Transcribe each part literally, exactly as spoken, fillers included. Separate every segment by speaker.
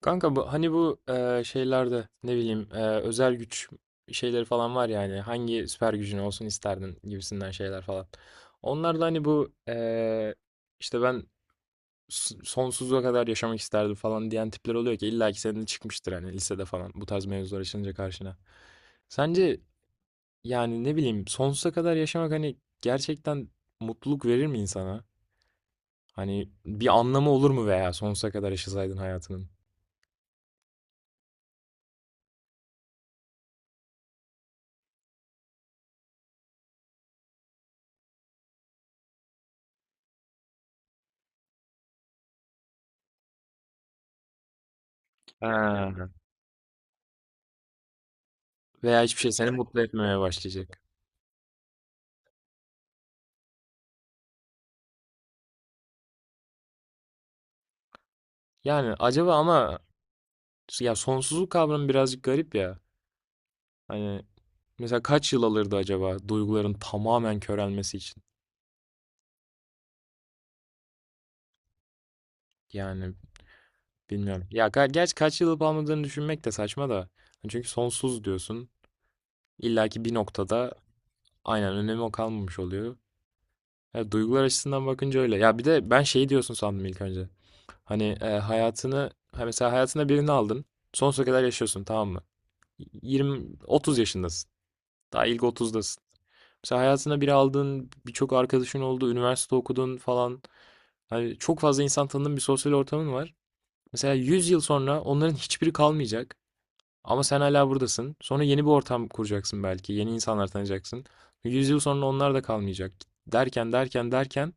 Speaker 1: Kanka bu hani bu e, şeylerde ne bileyim e, özel güç şeyleri falan var yani hangi süper gücün olsun isterdin gibisinden şeyler falan. Onlar da hani bu e, işte ben s- sonsuza kadar yaşamak isterdim falan diyen tipler oluyor ki illa ki senin de çıkmıştır hani lisede falan bu tarz mevzular açılınca karşına. Sence yani ne bileyim sonsuza kadar yaşamak hani gerçekten mutluluk verir mi insana? Hani bir anlamı olur mu veya sonsuza kadar yaşasaydın hayatının? He. Veya hiçbir şey seni mutlu etmemeye başlayacak. Yani acaba ama ya sonsuzluk kavramı birazcık garip ya. Hani mesela kaç yıl alırdı acaba duyguların tamamen körelmesi için? Yani bilmiyorum. Ya ka gerçi kaç yıl alıp almadığını düşünmek de saçma da. Hani Çünkü sonsuz diyorsun. İlla ki bir noktada aynen önemi o kalmamış oluyor. Ya duygular açısından bakınca öyle. Ya bir de ben şey diyorsun sandım ilk önce. Hani e, hayatını ha mesela hayatına birini aldın. Sonsuza kadar yaşıyorsun, tamam mı? yirmi otuz yaşındasın. Daha ilk otuzdasın. Mesela hayatına bir aldığın, birçok arkadaşın oldu, üniversite okudun falan. Hani çok fazla insan tanıdığın bir sosyal ortamın var. Mesela yüz yıl sonra onların hiçbiri kalmayacak. Ama sen hala buradasın. Sonra yeni bir ortam kuracaksın belki. Yeni insanlar tanıyacaksın. Yüz yıl sonra onlar da kalmayacak. Derken derken derken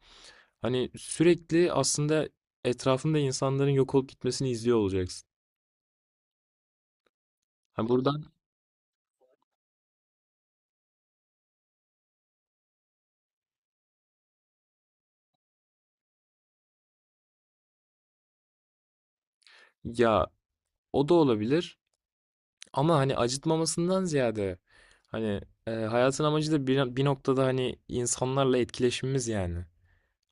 Speaker 1: hani sürekli aslında etrafında insanların yok olup gitmesini izliyor olacaksın. Ha, buradan ya o da olabilir. Ama hani acıtmamasından ziyade hani e, hayatın amacı da bir, bir noktada hani insanlarla etkileşimimiz yani.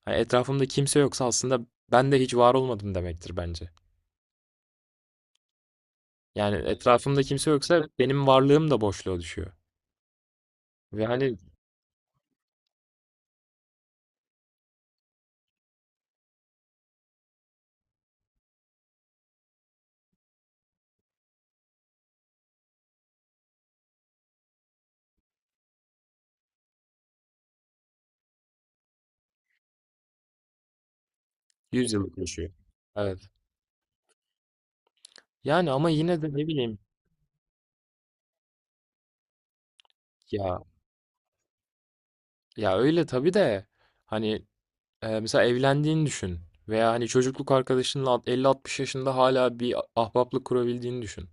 Speaker 1: Hani etrafımda kimse yoksa aslında ben de hiç var olmadım demektir bence. Yani etrafımda kimse yoksa benim varlığım da boşluğa düşüyor. Ve hani yüz yıllık yaşıyor. Evet. Yani ama yine de ne bileyim, ya ya öyle tabii de hani e, mesela evlendiğini düşün veya hani çocukluk arkadaşınla elli altmış yaşında hala bir ahbaplık kurabildiğini düşün.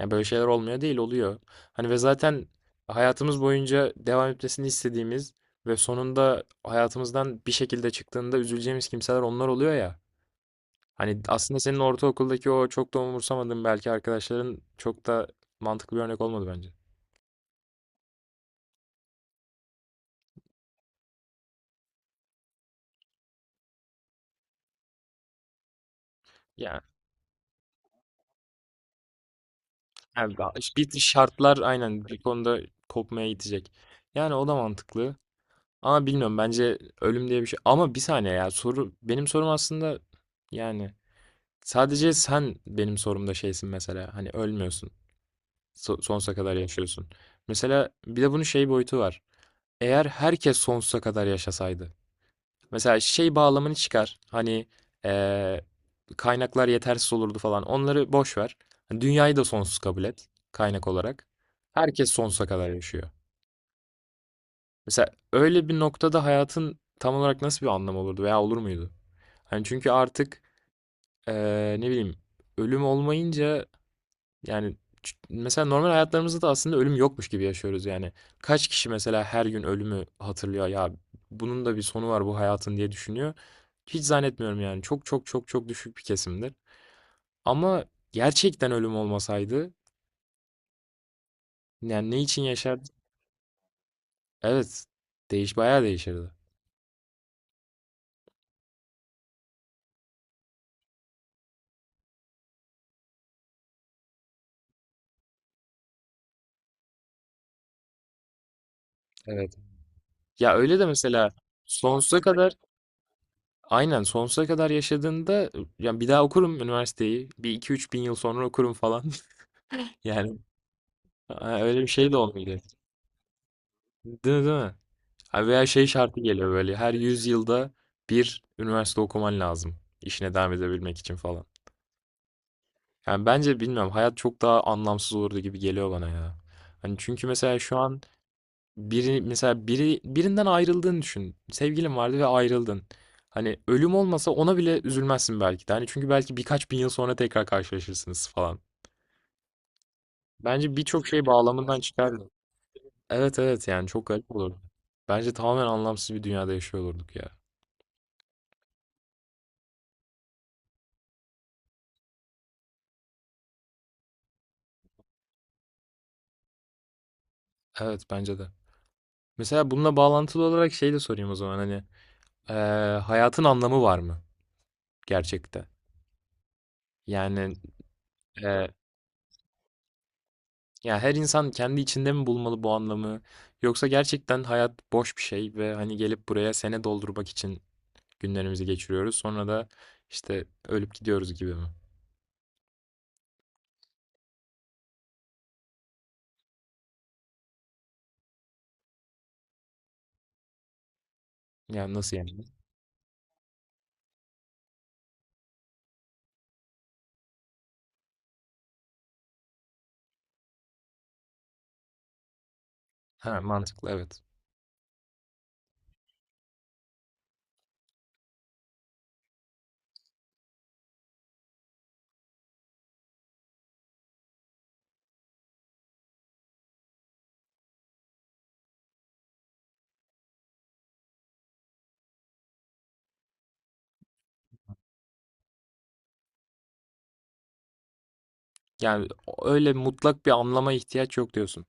Speaker 1: Yani böyle şeyler olmuyor değil, oluyor. Hani ve zaten hayatımız boyunca devam etmesini istediğimiz ve sonunda hayatımızdan bir şekilde çıktığında üzüleceğimiz kimseler onlar oluyor ya. Hani aslında senin ortaokuldaki o çok da umursamadığın belki arkadaşların çok da mantıklı bir örnek olmadı bence. Yani yani da- bir şartlar aynen bir konuda kopmaya gidecek. Yani o da mantıklı. Ama bilmiyorum bence ölüm diye bir şey. Ama bir saniye ya, soru benim sorum aslında, yani Sadece sen benim sorumda şeysin mesela. Hani ölmüyorsun. So- sonsuza kadar yaşıyorsun. Mesela bir de bunun şey boyutu var. Eğer herkes sonsuza kadar yaşasaydı. Mesela şey bağlamını çıkar. Hani eee, kaynaklar yetersiz olurdu falan. Onları boş ver. Hani Dünyayı da sonsuz kabul et kaynak olarak. Herkes sonsuza kadar yaşıyor. Mesela öyle bir noktada hayatın tam olarak nasıl bir anlamı olurdu veya olur muydu? Hani çünkü artık eee, ne bileyim, ölüm olmayınca yani ç- mesela normal hayatlarımızda da aslında ölüm yokmuş gibi yaşıyoruz yani. Kaç kişi mesela her gün ölümü hatırlıyor ya, bunun da bir sonu var bu hayatın diye düşünüyor. Hiç zannetmiyorum yani. Çok çok çok çok düşük bir kesimdir. Ama gerçekten ölüm olmasaydı yani ne için yaşardık? Evet. Değiş bayağı değişirdi. Evet. Ya öyle de mesela sonsuza kadar aynen sonsuza kadar yaşadığında, yani bir daha okurum üniversiteyi. Bir iki üç bin yıl sonra okurum falan. Yani ha, öyle bir şey de olmayacak. Değil mi, değil mi? Ha, Veya şey şartı geliyor böyle, her yüz yılda bir üniversite okuman lazım işine devam edebilmek için falan. Yani bence bilmiyorum, hayat çok daha anlamsız olurdu gibi geliyor bana ya. Hani çünkü mesela şu an biri mesela biri birinden ayrıldığını düşün. Sevgilin vardı ve ayrıldın. Hani ölüm olmasa ona bile üzülmezsin belki de. Hani çünkü belki birkaç bin yıl sonra tekrar karşılaşırsınız falan. Bence birçok şey bağlamından çıkardı. Evet, evet, yani çok garip olurdu. Bence tamamen anlamsız bir dünyada yaşıyor olurduk ya. Evet, bence de. Mesela bununla bağlantılı olarak şey de sorayım o zaman, hani eee, hayatın anlamı var mı gerçekte? Yani eee, ya her insan kendi içinde mi bulmalı bu anlamı, yoksa gerçekten hayat boş bir şey ve hani gelip buraya sene doldurmak için günlerimizi geçiriyoruz sonra da işte ölüp gidiyoruz gibi mi? Yani nasıl yani? Ha, mantıklı, evet. Yani öyle mutlak bir anlama ihtiyaç yok diyorsun.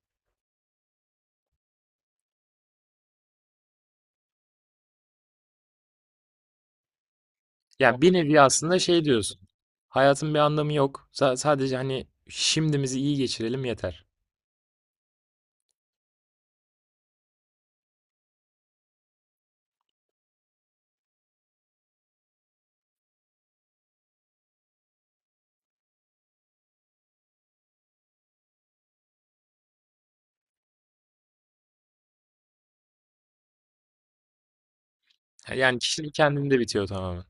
Speaker 1: Yani bir nevi aslında şey diyorsun. Hayatın bir anlamı yok. Sa- sadece hani şimdimizi iyi geçirelim yeter. Yani kişinin kendinde bitiyor tamamen.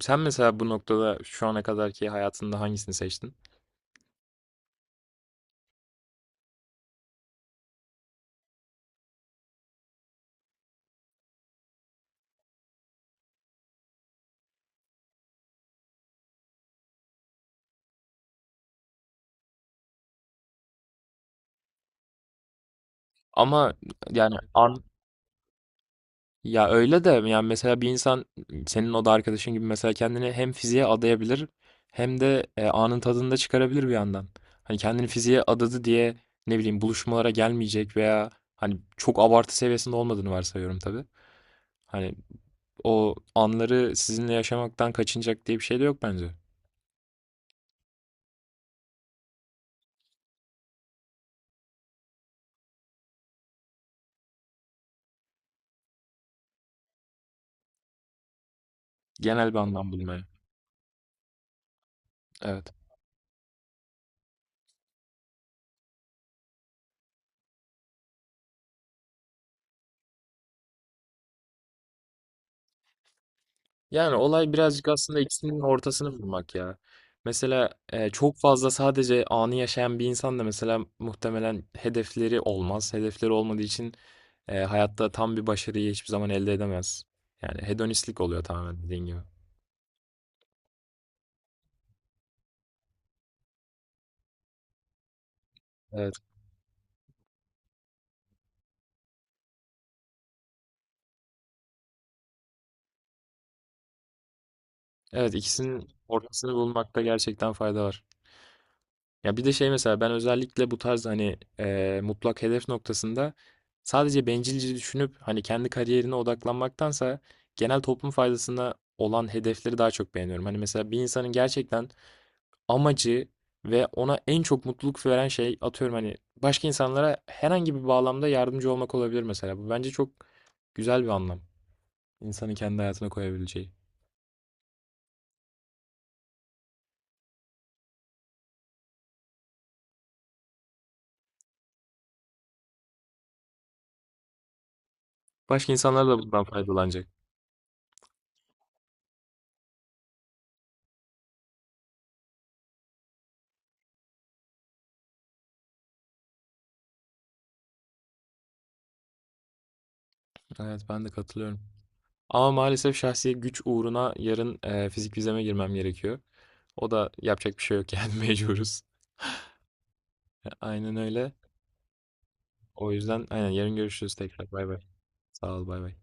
Speaker 1: Sen mesela bu noktada şu ana kadarki hayatında hangisini seçtin? Ama yani an- ya öyle de yani mesela bir insan senin o da arkadaşın gibi mesela kendini hem fiziğe adayabilir hem de e, anın tadını da çıkarabilir bir yandan. Hani kendini fiziğe adadı diye ne bileyim buluşmalara gelmeyecek veya hani çok abartı seviyesinde olmadığını varsayıyorum tabii. Hani o anları sizinle yaşamaktan kaçınacak diye bir şey de yok bence. Genel bir anlam bulmaya. Evet. Yani olay birazcık aslında ikisinin ortasını bulmak ya. Mesela e, çok fazla sadece anı yaşayan bir insan da mesela muhtemelen hedefleri olmaz. Hedefleri olmadığı için e, hayatta tam bir başarıyı hiçbir zaman elde edemez. Yani hedonistlik oluyor tamamen dediğin gibi. Evet. Evet, ikisinin ortasını bulmakta gerçekten fayda var. Ya bir de şey, mesela ben özellikle bu tarz hani e, mutlak hedef noktasında sadece bencilce düşünüp hani kendi kariyerine odaklanmaktansa genel toplum faydasına olan hedefleri daha çok beğeniyorum. Hani mesela bir insanın gerçekten amacı ve ona en çok mutluluk veren şey, atıyorum hani başka insanlara herhangi bir bağlamda yardımcı olmak olabilir mesela. Bu bence çok güzel bir anlam. İnsanın kendi hayatına koyabileceği. Başka insanlar da bundan faydalanacak. Evet, ben de katılıyorum. Ama maalesef şahsi güç uğruna yarın e, fizik vizeme girmem gerekiyor. O da yapacak bir şey yok yani, mecburuz. Aynen öyle. O yüzden aynen yarın görüşürüz tekrar. Bay bay. Sağ ol, bay bay.